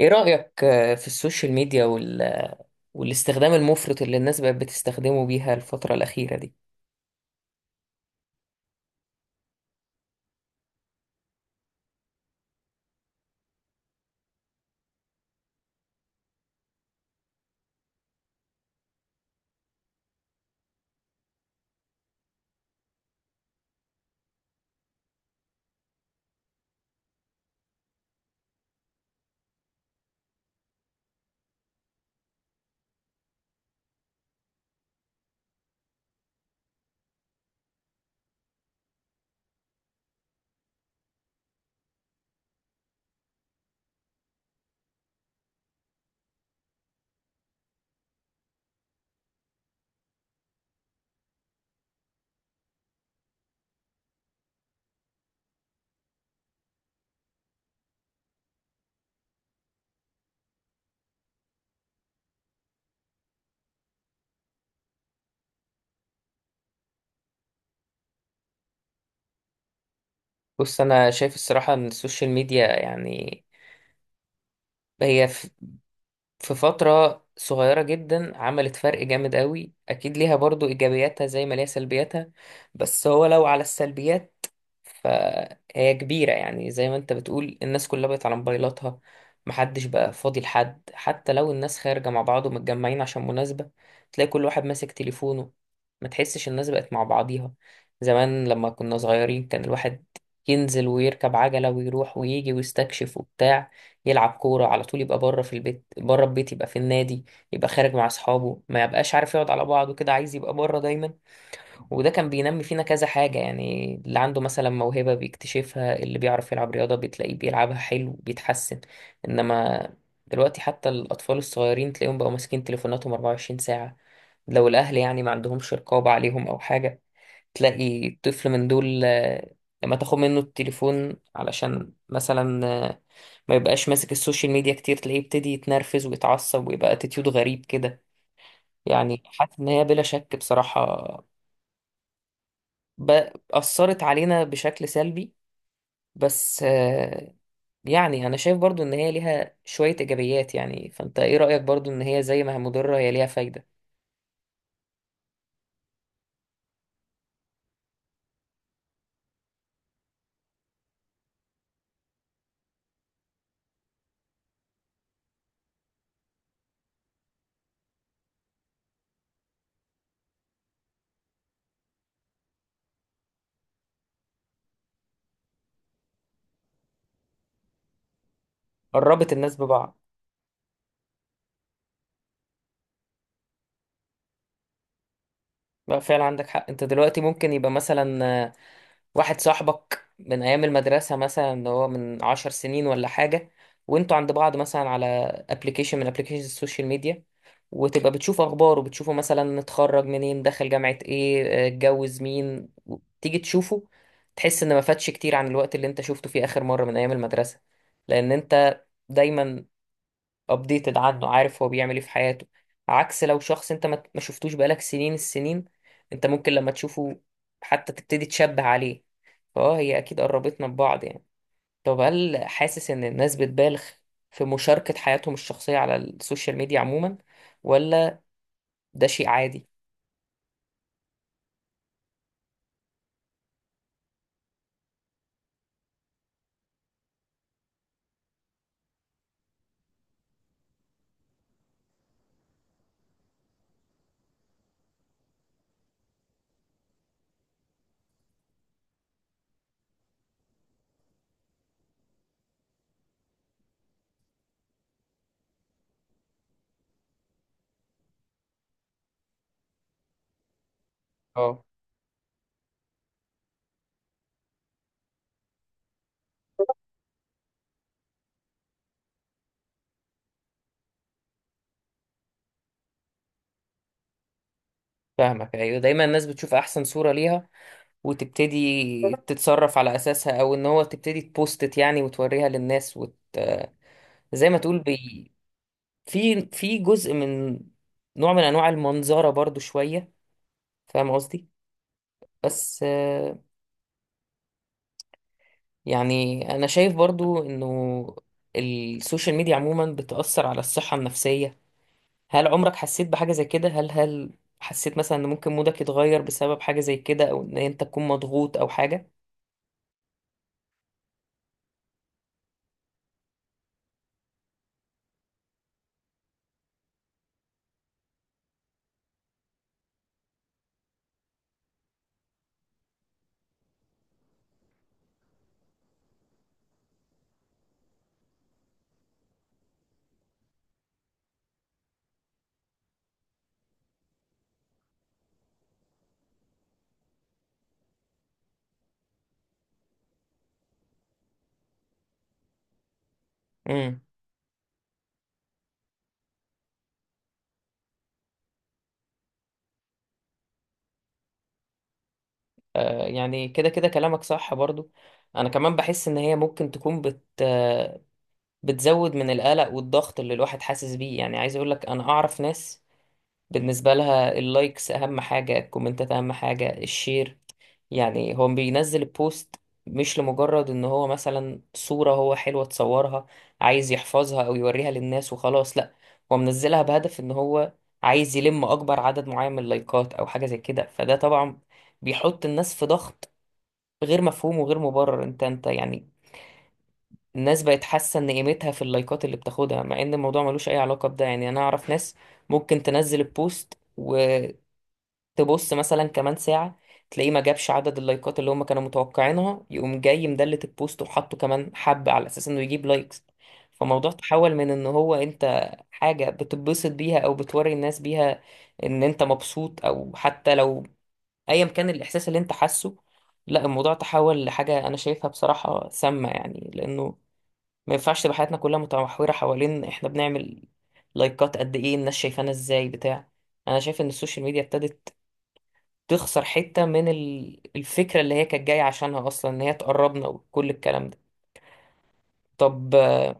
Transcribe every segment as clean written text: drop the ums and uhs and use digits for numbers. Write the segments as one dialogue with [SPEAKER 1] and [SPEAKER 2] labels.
[SPEAKER 1] ايه رأيك في السوشيال ميديا والاستخدام المفرط اللي الناس بقت بتستخدمه بيها الفترة الأخيرة دي؟ بص، أنا شايف الصراحة إن السوشيال ميديا يعني هي في فترة صغيرة جدا عملت فرق جامد قوي. أكيد ليها برضو إيجابياتها زي ما ليها سلبياتها، بس هو لو على السلبيات فهي كبيرة. يعني زي ما أنت بتقول الناس كلها بقت على موبايلاتها، محدش بقى فاضي لحد. حتى لو الناس خارجة مع بعض ومتجمعين عشان مناسبة تلاقي كل واحد ماسك تليفونه، ما تحسش الناس بقت مع بعضيها. زمان لما كنا صغيرين كان الواحد ينزل ويركب عجلة ويروح ويجي ويستكشف وبتاع، يلعب كورة على طول، يبقى بره في البيت بره البيت، يبقى في النادي، يبقى خارج مع أصحابه، ما يبقاش عارف يقعد على بعضه كده، عايز يبقى بره دايما. وده كان بينمي فينا كذا حاجة، يعني اللي عنده مثلا موهبة بيكتشفها، اللي بيعرف يلعب رياضة بتلاقيه بيلعبها حلو بيتحسن. إنما دلوقتي حتى الأطفال الصغيرين تلاقيهم بقوا ماسكين تليفوناتهم 24 ساعة. لو الأهل يعني ما عندهمش رقابة عليهم أو حاجة، تلاقي طفل من دول لما تاخد منه التليفون علشان مثلا ما يبقاش ماسك السوشيال ميديا كتير تلاقيه يبتدي يتنرفز ويتعصب ويبقى اتيتيود غريب كده. يعني حاسس ان هي بلا شك بصراحة أثرت علينا بشكل سلبي. بس يعني أنا شايف برضو إن هي ليها شوية إيجابيات. يعني فأنت إيه رأيك برضو إن هي زي ما هي مضرة هي ليها فايدة؟ قربت الناس ببعض. لا فعلا عندك حق، أنت دلوقتي ممكن يبقى مثلا واحد صاحبك من أيام المدرسة مثلا اللي هو من 10 سنين ولا حاجة، وانتوا عند بعض مثلا على ابلكيشن من ابلكيشن السوشيال ميديا. وتبقى بتشوف أخباره، بتشوفه مثلا اتخرج منين، دخل جامعة ايه، اتجوز مين، تيجي تشوفه. تحس إن ما فاتش كتير عن الوقت اللي انت شفته فيه آخر مرة من أيام المدرسة، لأن انت دايما updated عنه، عارف هو بيعمل ايه في حياته. عكس لو شخص انت ما شفتوش بقالك سنين السنين، انت ممكن لما تشوفه حتى تبتدي تشبه عليه. هي اكيد قربتنا ببعض يعني. طب هل حاسس ان الناس بتبالغ في مشاركة حياتهم الشخصية على السوشيال ميديا عموما، ولا ده شيء عادي؟ اه، فاهمك، ايوه دايما الناس بتشوف احسن صورة ليها. وتبتدي تتصرف على اساسها او ان هو تبتدي تبوستت يعني وتوريها للناس زي ما تقول في في جزء من نوع من انواع المنظرة برضو شوية، فاهم قصدي؟ بس يعني انا شايف برضو انه السوشيال ميديا عموما بتأثر على الصحة النفسية. هل عمرك حسيت بحاجة زي كده؟ هل حسيت مثلا ان ممكن مودك يتغير بسبب حاجة زي كده او ان انت تكون مضغوط او حاجة؟ امم يعني كده كده كلامك صح برضو. انا كمان بحس ان هي ممكن تكون بت آه بتزود من القلق والضغط اللي الواحد حاسس بيه. يعني عايز اقولك انا اعرف ناس، بالنسبة لها اللايكس اهم حاجة، الكومنتات اهم حاجة، الشير. يعني هو بينزل البوست مش لمجرد ان هو مثلا صورة هو حلوة تصورها عايز يحفظها او يوريها للناس وخلاص. لا، هو منزلها بهدف ان هو عايز يلم اكبر عدد معين من اللايكات او حاجة زي كده. فده طبعا بيحط الناس في ضغط غير مفهوم وغير مبرر، انت يعني. الناس بقت حاسة ان قيمتها في اللايكات اللي بتاخدها، مع ان الموضوع ملوش اي علاقة بده، يعني انا اعرف ناس ممكن تنزل البوست تبص مثلا كمان ساعة تلاقيه ما جابش عدد اللايكات اللي هم كانوا متوقعينها، يقوم جاي مدلت البوست وحطه كمان حبة على أساس إنه يجيب لايكس. فالموضوع تحول من إن هو أنت حاجة بتتبسط بيها أو بتوري الناس بيها، إن أنت مبسوط، أو حتى لو أيا كان الإحساس اللي أنت حاسه. لا، الموضوع تحول لحاجة أنا شايفها بصراحة سامة، يعني لأنه ما ينفعش تبقى حياتنا كلها متمحورة حوالين إحنا بنعمل لايكات قد إيه، الناس شايفانا إزاي، بتاع. أنا شايف إن السوشيال ميديا ابتدت تخسر حتة من الفكرة اللي هي كانت جاية عشانها أصلا، إن هي تقربنا وكل الكلام ده. طب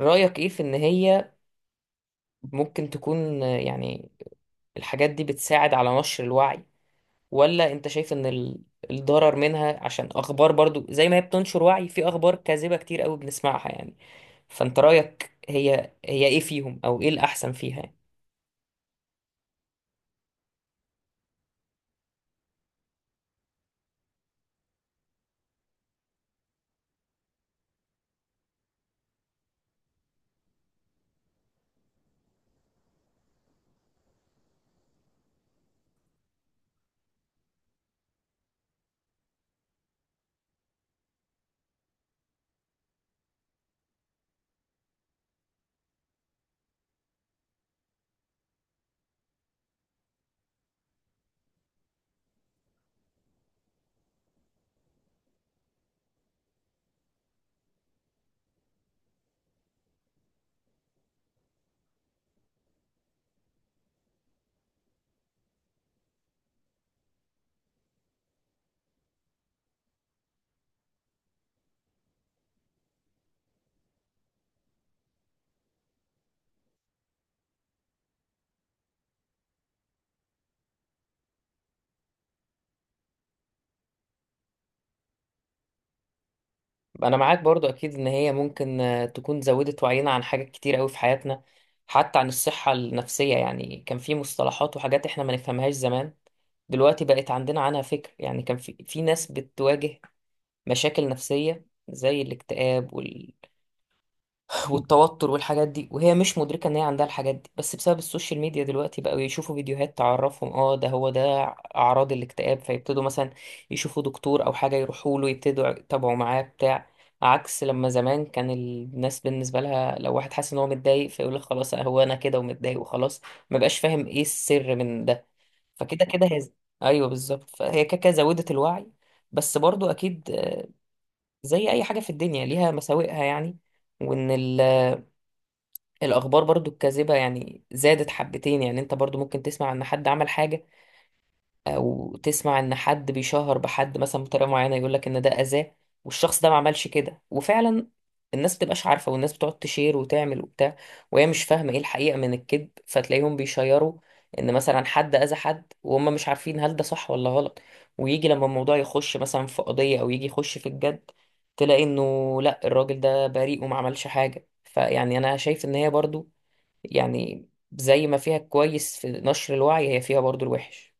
[SPEAKER 1] رأيك إيه في إن هي ممكن تكون يعني الحاجات دي بتساعد على نشر الوعي؟ ولا أنت شايف إن الضرر منها عشان أخبار؟ برضو زي ما هي بتنشر وعي في أخبار كاذبة كتير قوي بنسمعها يعني. فأنت رأيك هي إيه فيهم أو إيه الأحسن فيها يعني؟ انا معاك برضو اكيد ان هي ممكن تكون زودت وعينا عن حاجات كتير قوي في حياتنا، حتى عن الصحة النفسية. يعني كان في مصطلحات وحاجات احنا ما نفهمهاش زمان، دلوقتي بقت عندنا عنها فكر. يعني كان في ناس بتواجه مشاكل نفسية زي الاكتئاب والتوتر والحاجات دي وهي مش مدركة ان هي عندها الحاجات دي، بس بسبب السوشيال ميديا دلوقتي بقوا يشوفوا فيديوهات تعرفهم، اه ده هو ده اعراض الاكتئاب، فيبتدوا مثلا يشوفوا دكتور او حاجة يروحوا له يبتدوا يتابعوا معاه بتاع. عكس لما زمان كان الناس بالنسبة لها لو واحد حاسس ان هو متضايق فيقول لك خلاص، هو انا كده ومتضايق وخلاص، ما بقاش فاهم ايه السر من ده. فكده كده هي، ايوه بالظبط، فهي كده كده زودت الوعي. بس برضو اكيد زي اي حاجة في الدنيا ليها مساوئها يعني. وان الاخبار برضو الكاذبه يعني زادت حبتين، يعني انت برضو ممكن تسمع ان حد عمل حاجه، او تسمع ان حد بيشهر بحد مثلا بطريقه معينه، يقول لك ان ده اذاه والشخص ده ما عملش كده. وفعلا الناس بتبقاش عارفه، والناس بتقعد تشير وتعمل وبتاع، وهي مش فاهمه ايه الحقيقه من الكذب. فتلاقيهم بيشيروا ان مثلا حد اذى حد وهم مش عارفين هل ده صح ولا غلط. ويجي لما الموضوع يخش مثلا في قضيه او يجي يخش في الجد، تلاقي انه لا الراجل ده بريء وما عملش حاجه. فيعني انا شايف ان هي برضو، يعني زي ما فيها الكويس في نشر الوعي هي فيها برضو الوحش.